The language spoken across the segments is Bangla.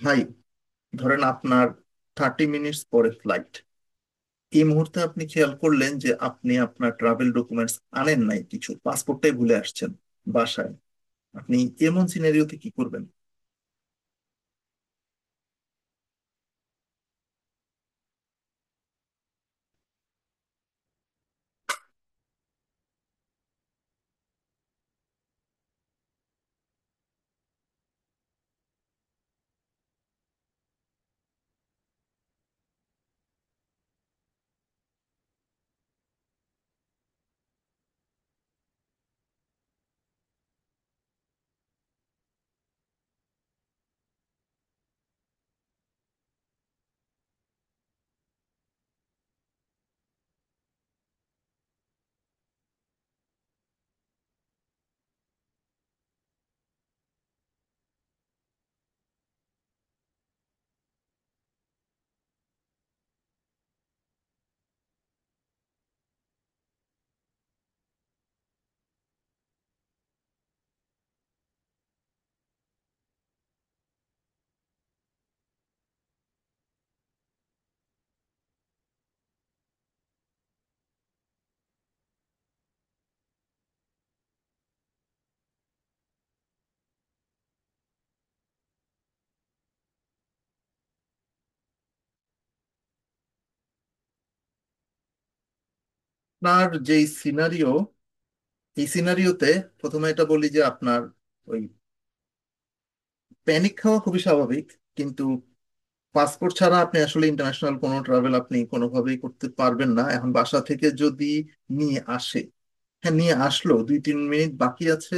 ভাই ধরেন আপনার 30 minutes পরে ফ্লাইট। এই মুহূর্তে আপনি খেয়াল করলেন যে আপনি আপনার ট্রাভেল ডকুমেন্টস আনেন নাই কিছু পাসপোর্টটাই ভুলে আসছেন বাসায়। আপনি এমন সিনারিওতে কি করবেন? আপনার যে সিনারিও, এই সিনারিওতে প্রথমে এটা বলি যে আপনার ওই প্যানিক খাওয়া খুবই স্বাভাবিক। কিন্তু পাসপোর্ট ছাড়া আপনি আসলে ইন্টারন্যাশনাল কোনো ট্রাভেল আপনি কোনোভাবেই করতে পারবেন না। এখন বাসা থেকে যদি নিয়ে আসে, হ্যাঁ নিয়ে আসলো, দুই তিন মিনিট বাকি আছে,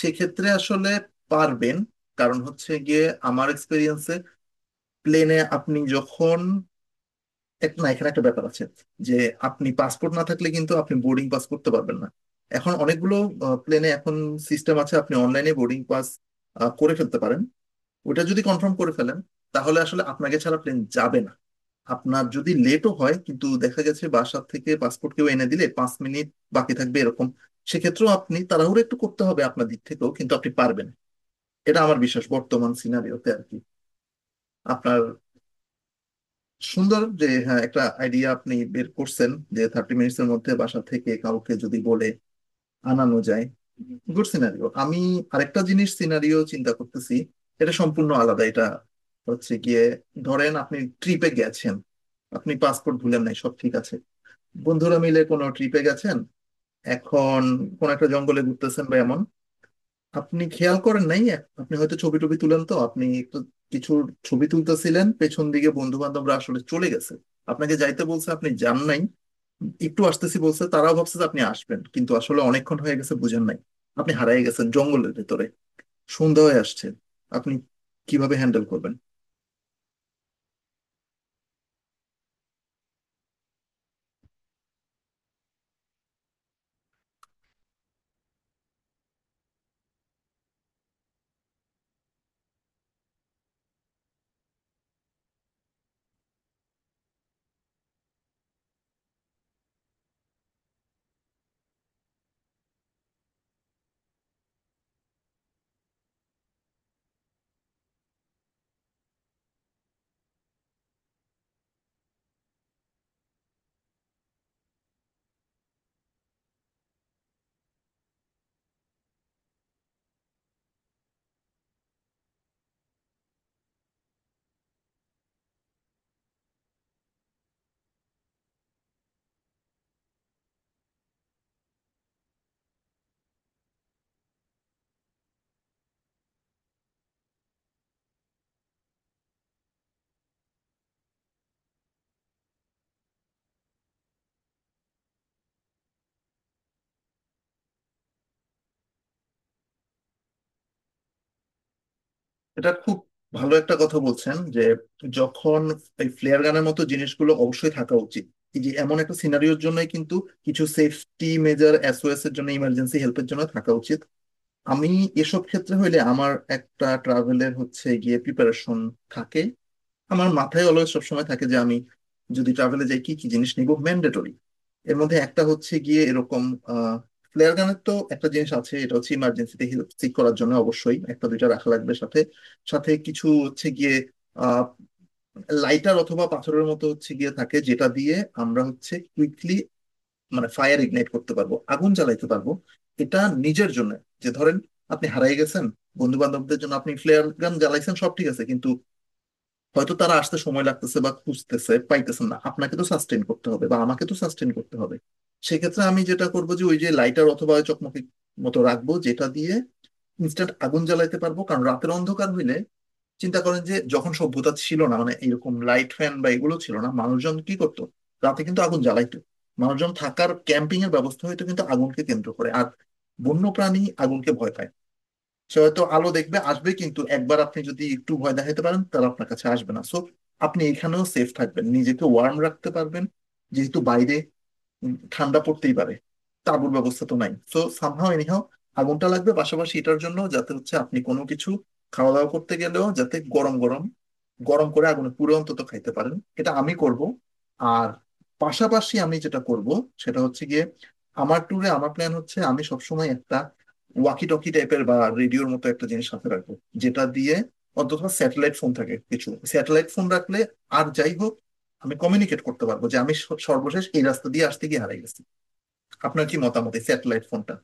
সেক্ষেত্রে আসলে পারবেন। কারণ হচ্ছে গিয়ে আমার এক্সপিরিয়েন্সে প্লেনে আপনি যখন এক না, এখানে একটা ব্যাপার আছে যে আপনি পাসপোর্ট না থাকলে কিন্তু আপনি বোর্ডিং পাস করতে পারবেন না। এখন অনেকগুলো প্লেনে এখন সিস্টেম আছে আপনি অনলাইনে বোর্ডিং পাস করে ফেলতে পারেন। ওটা যদি কনফার্ম করে ফেলেন তাহলে আসলে আপনাকে ছাড়া প্লেন যাবে না। আপনার যদি লেটও হয় কিন্তু দেখা গেছে বাসার থেকে পাসপোর্ট কেউ এনে দিলে 5 মিনিট বাকি থাকবে এরকম, সেক্ষেত্রেও আপনি তাড়াহুড়ো একটু করতে হবে আপনার দিক থেকেও কিন্তু আপনি পারবেন। এটা আমার বিশ্বাস বর্তমান সিনারিওতে আর কি। আপনার সুন্দর যে, হ্যাঁ, একটা আইডিয়া আপনি বের করছেন যে 30 minutes এর মধ্যে বাসা থেকে কাউকে যদি বলে আনানো যায়, গুড সিনারিও। আমি আরেকটা জিনিস সিনারিও চিন্তা করতেছি, এটা সম্পূর্ণ আলাদা। এটা হচ্ছে গিয়ে ধরেন আপনি ট্রিপে গেছেন, আপনি পাসপোর্ট ভুলেন নাই, সব ঠিক আছে। বন্ধুরা মিলে কোনো ট্রিপে গেছেন। এখন কোন একটা জঙ্গলে ঘুরতেছেন বা এমন। আপনি খেয়াল করেন নাই, আপনি হয়তো ছবি টবি তুলেন, তো আপনি একটু কিছু ছবি তুলতেছিলেন, পেছন দিকে বন্ধু বান্ধবরা আসলে চলে গেছে। আপনাকে যাইতে বলছে, আপনি যান নাই, একটু আসতেছি বলছে, তারাও ভাবছে যে আপনি আসবেন কিন্তু আসলে অনেকক্ষণ হয়ে গেছে বুঝেন নাই। আপনি হারিয়ে গেছেন জঙ্গলের ভেতরে, সন্ধ্যা হয়ে আসছে, আপনি কিভাবে হ্যান্ডেল করবেন? এটা খুব ভালো একটা কথা বলছেন যে যখন এই ফ্লেয়ার গানের মতো জিনিসগুলো অবশ্যই থাকা উচিত এই যে এমন একটা সিনারিওর জন্যই, কিন্তু কিছু সেফটি মেজার এসওএস এর জন্য, ইমার্জেন্সি হেল্পের জন্য থাকা উচিত। আমি এসব ক্ষেত্রে হইলে আমার একটা ট্রাভেলের হচ্ছে গিয়ে প্রিপারেশন থাকে। আমার মাথায় অলওয়েজ সবসময় থাকে যে আমি যদি ট্রাভেলে যাই কি কি জিনিস নিব ম্যান্ডেটরি। এর মধ্যে একটা হচ্ছে গিয়ে এরকম ফ্লেয়ার গানের তো একটা জিনিস আছে, এটা হচ্ছে ইমার্জেন্সিতে হেল্প সিক করার জন্য অবশ্যই একটা দুইটা রাখা লাগবে সাথে। সাথে কিছু হচ্ছে গিয়ে আহ লাইটার অথবা পাথরের মতো হচ্ছে গিয়ে থাকে যেটা দিয়ে আমরা হচ্ছে কুইকলি মানে ফায়ার ইগনাইট করতে পারবো, আগুন জ্বালাইতে পারবো। এটা নিজের জন্য, যে ধরেন আপনি হারিয়ে গেছেন, বন্ধু বান্ধবদের জন্য আপনি ফ্লেয়ার গান জ্বালাইছেন সব ঠিক আছে কিন্তু হয়তো তারা আসতে সময় লাগতেছে বা খুঁজতেছে পাইতেছেন না, আপনাকে তো সাস্টেন করতে হবে বা আমাকে তো সাস্টেন করতে হবে। সেক্ষেত্রে আমি যেটা করবো যে ওই যে লাইটার অথবা ওই চকমকি মতো রাখবো যেটা দিয়ে ইনস্ট্যান্ট আগুন জ্বালাইতে পারবো কারণ রাতের অন্ধকার হইলে। চিন্তা করেন যে যখন সভ্যতা ছিল না মানে এরকম লাইট ফ্যান বা এগুলো ছিল না মানুষজন কি করতো? রাতে কিন্তু আগুন জ্বালাইতো, মানুষজন থাকার ক্যাম্পিং এর ব্যবস্থা হইতো কিন্তু আগুনকে কেন্দ্র করে। আর বন্য প্রাণী আগুনকে ভয় পায় না। সে হয়তো আলো দেখবে আসবে কিন্তু একবার আপনি যদি একটু ভয় দেখাতে পারেন তারা আপনার কাছে আসবে না। সো আপনি এখানেও সেফ থাকবেন, নিজেকে ওয়ার্ম রাখতে পারবেন, যেহেতু বাইরে ঠান্ডা পড়তেই পারে। তাঁবুর ব্যবস্থা তো নাই, সো সামহাও এনিহাও আগুনটা লাগবে। পাশাপাশি এটার জন্য যাতে হচ্ছে আপনি কোনো কিছু খাওয়া দাওয়া করতে গেলেও যাতে গরম গরম, গরম করে আগুনে পুড়ে অন্তত খাইতে পারেন, এটা আমি করব। আর পাশাপাশি আমি যেটা করব সেটা হচ্ছে গিয়ে আমার ট্যুরে আমার প্ল্যান হচ্ছে আমি সবসময় একটা ওয়াকি টকি টাইপের বা রেডিওর মতো একটা জিনিস সাথে রাখবো যেটা দিয়ে। অন্তত স্যাটেলাইট ফোন থাকে, কিছু স্যাটেলাইট ফোন রাখলে আর যাই হোক আমি কমিউনিকেট করতে পারবো যে আমি সর্বশেষ এই রাস্তা দিয়ে আসতে গিয়ে হারিয়ে গেছি। আপনার কি মতামত এই স্যাটেলাইট ফোনটা?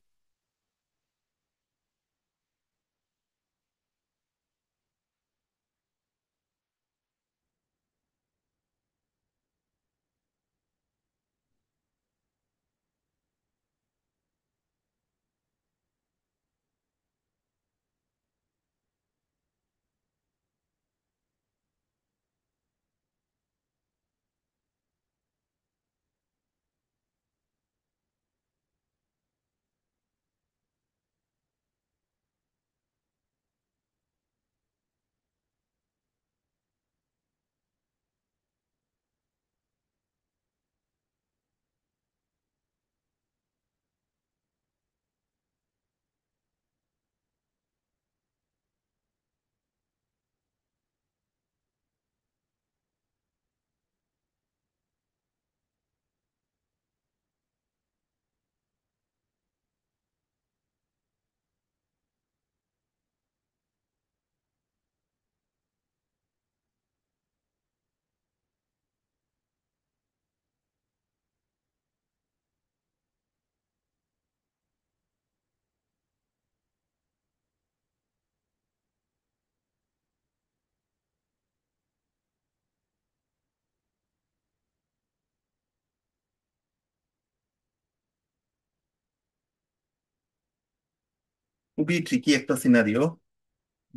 খুবই ট্রিকি একটা সিনারিও।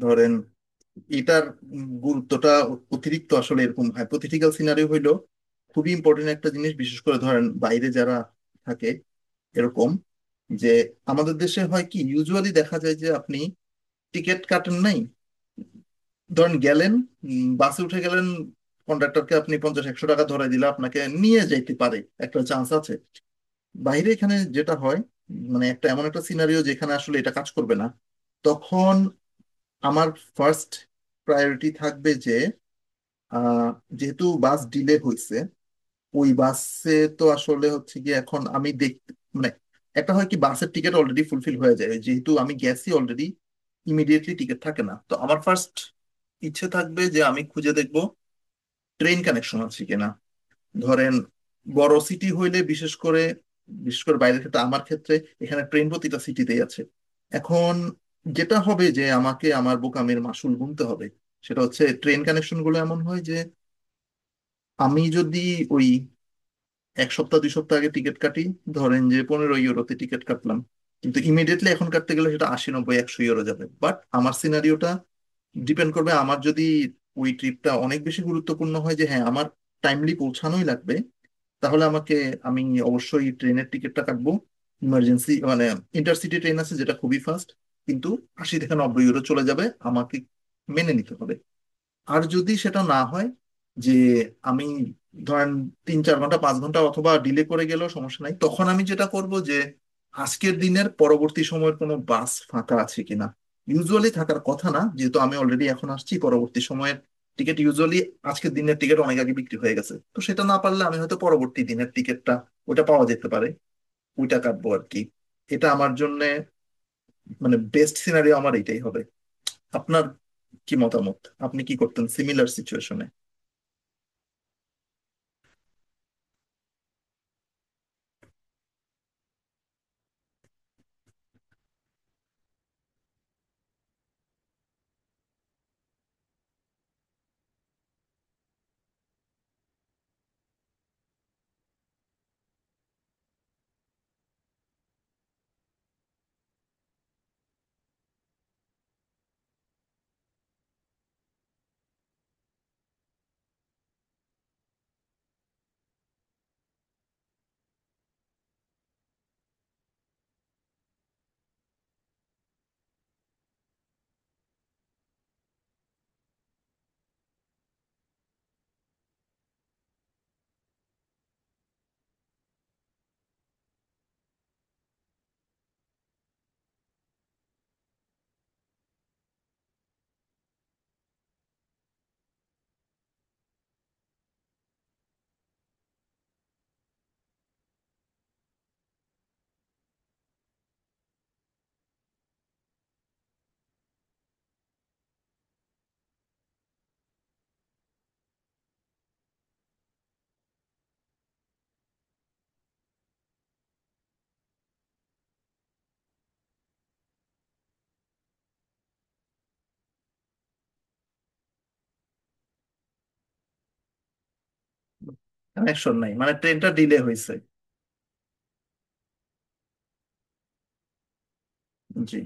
ধরেন এটার গুরুত্বটা অতিরিক্ত। আসলে এরকম হাইপোথেটিক্যাল সিনারিও হইলো খুবই ইম্পর্টেন্ট একটা জিনিস, বিশেষ করে ধরেন বাইরে যারা থাকে এরকম। যে আমাদের দেশে হয় কি ইউজুয়ালি দেখা যায় যে আপনি টিকিট কাটেন নাই, ধরেন গেলেন, বাসে উঠে গেলেন, কন্ডাক্টরকে আপনি পঞ্চাশ একশো টাকা ধরে দিলে আপনাকে নিয়ে যাইতে পারে, একটা চান্স আছে। বাইরে এখানে যেটা হয় মানে একটা এমন একটা সিনারিও যেখানে আসলে এটা কাজ করবে না। তখন আমার ফার্স্ট প্রায়োরিটি থাকবে যে আহ, যেহেতু বাস ডিলে হয়েছে ওই বাসে, তো আসলে হচ্ছে কি এখন আমি দেখ মানে একটা হয় কি বাসের টিকিট অলরেডি ফুলফিল হয়ে যায় যেহেতু আমি গেছি অলরেডি, ইমিডিয়েটলি টিকিট থাকে না, তো আমার ফার্স্ট ইচ্ছে থাকবে যে আমি খুঁজে দেখবো ট্রেন কানেকশন আছে কিনা। ধরেন বড় সিটি হইলে বিশেষ করে, বিশেষ করে বাইরের ক্ষেত্রে আমার ক্ষেত্রে, এখানে ট্রেন প্রতিটা সিটিতেই আছে। এখন যেটা হবে যে আমাকে আমার বোকামের মাসুল গুনতে হবে, সেটা হচ্ছে ট্রেন কানেকশন গুলো এমন হয় যে আমি যদি ওই এক সপ্তাহ দুই সপ্তাহ আগে টিকিট কাটি, ধরেন যে 15 ইউরোতে টিকিট কাটলাম, কিন্তু ইমিডিয়েটলি এখন কাটতে গেলে সেটা আশি নব্বই একশো ইউরো যাবে। বাট আমার সিনারিওটা ডিপেন্ড করবে আমার যদি ওই ট্রিপটা অনেক বেশি গুরুত্বপূর্ণ হয় যে হ্যাঁ আমার টাইমলি পৌঁছানোই লাগবে, তাহলে আমাকে, আমি অবশ্যই ট্রেনের টিকিটটা কাটবো। ইমার্জেন্সি মানে ইন্টারসিটি ট্রেন আছে যেটা খুবই ফাস্ট, কিন্তু আশি থেকে নব্বই ইউরো চলে যাবে, আমাকে মেনে নিতে হবে। আর যদি সেটা না হয়, যে আমি ধরেন তিন চার ঘন্টা পাঁচ ঘন্টা অথবা ডিলে করে গেলেও সমস্যা নাই, তখন আমি যেটা করব যে আজকের দিনের পরবর্তী সময়ের কোনো বাস ফাঁকা আছে কিনা। ইউজুয়ালি থাকার কথা না যেহেতু আমি অলরেডি এখন আসছি, পরবর্তী সময়ের টিকিট ইউজুয়ালি, আজকের দিনের টিকিট অনেক আগে বিক্রি হয়ে গেছে, তো সেটা না পারলে আমি হয়তো পরবর্তী দিনের টিকিটটা, ওটা পাওয়া যেতে পারে, ওইটা কাটবো আর কি। এটা আমার জন্য মানে বেস্ট সিনারিও আমার এটাই হবে। আপনার কি মতামত, আপনি কি করতেন সিমিলার সিচুয়েশনে? কানেকশন নাই মানে ট্রেনটা ডিলে হয়েছে? জি।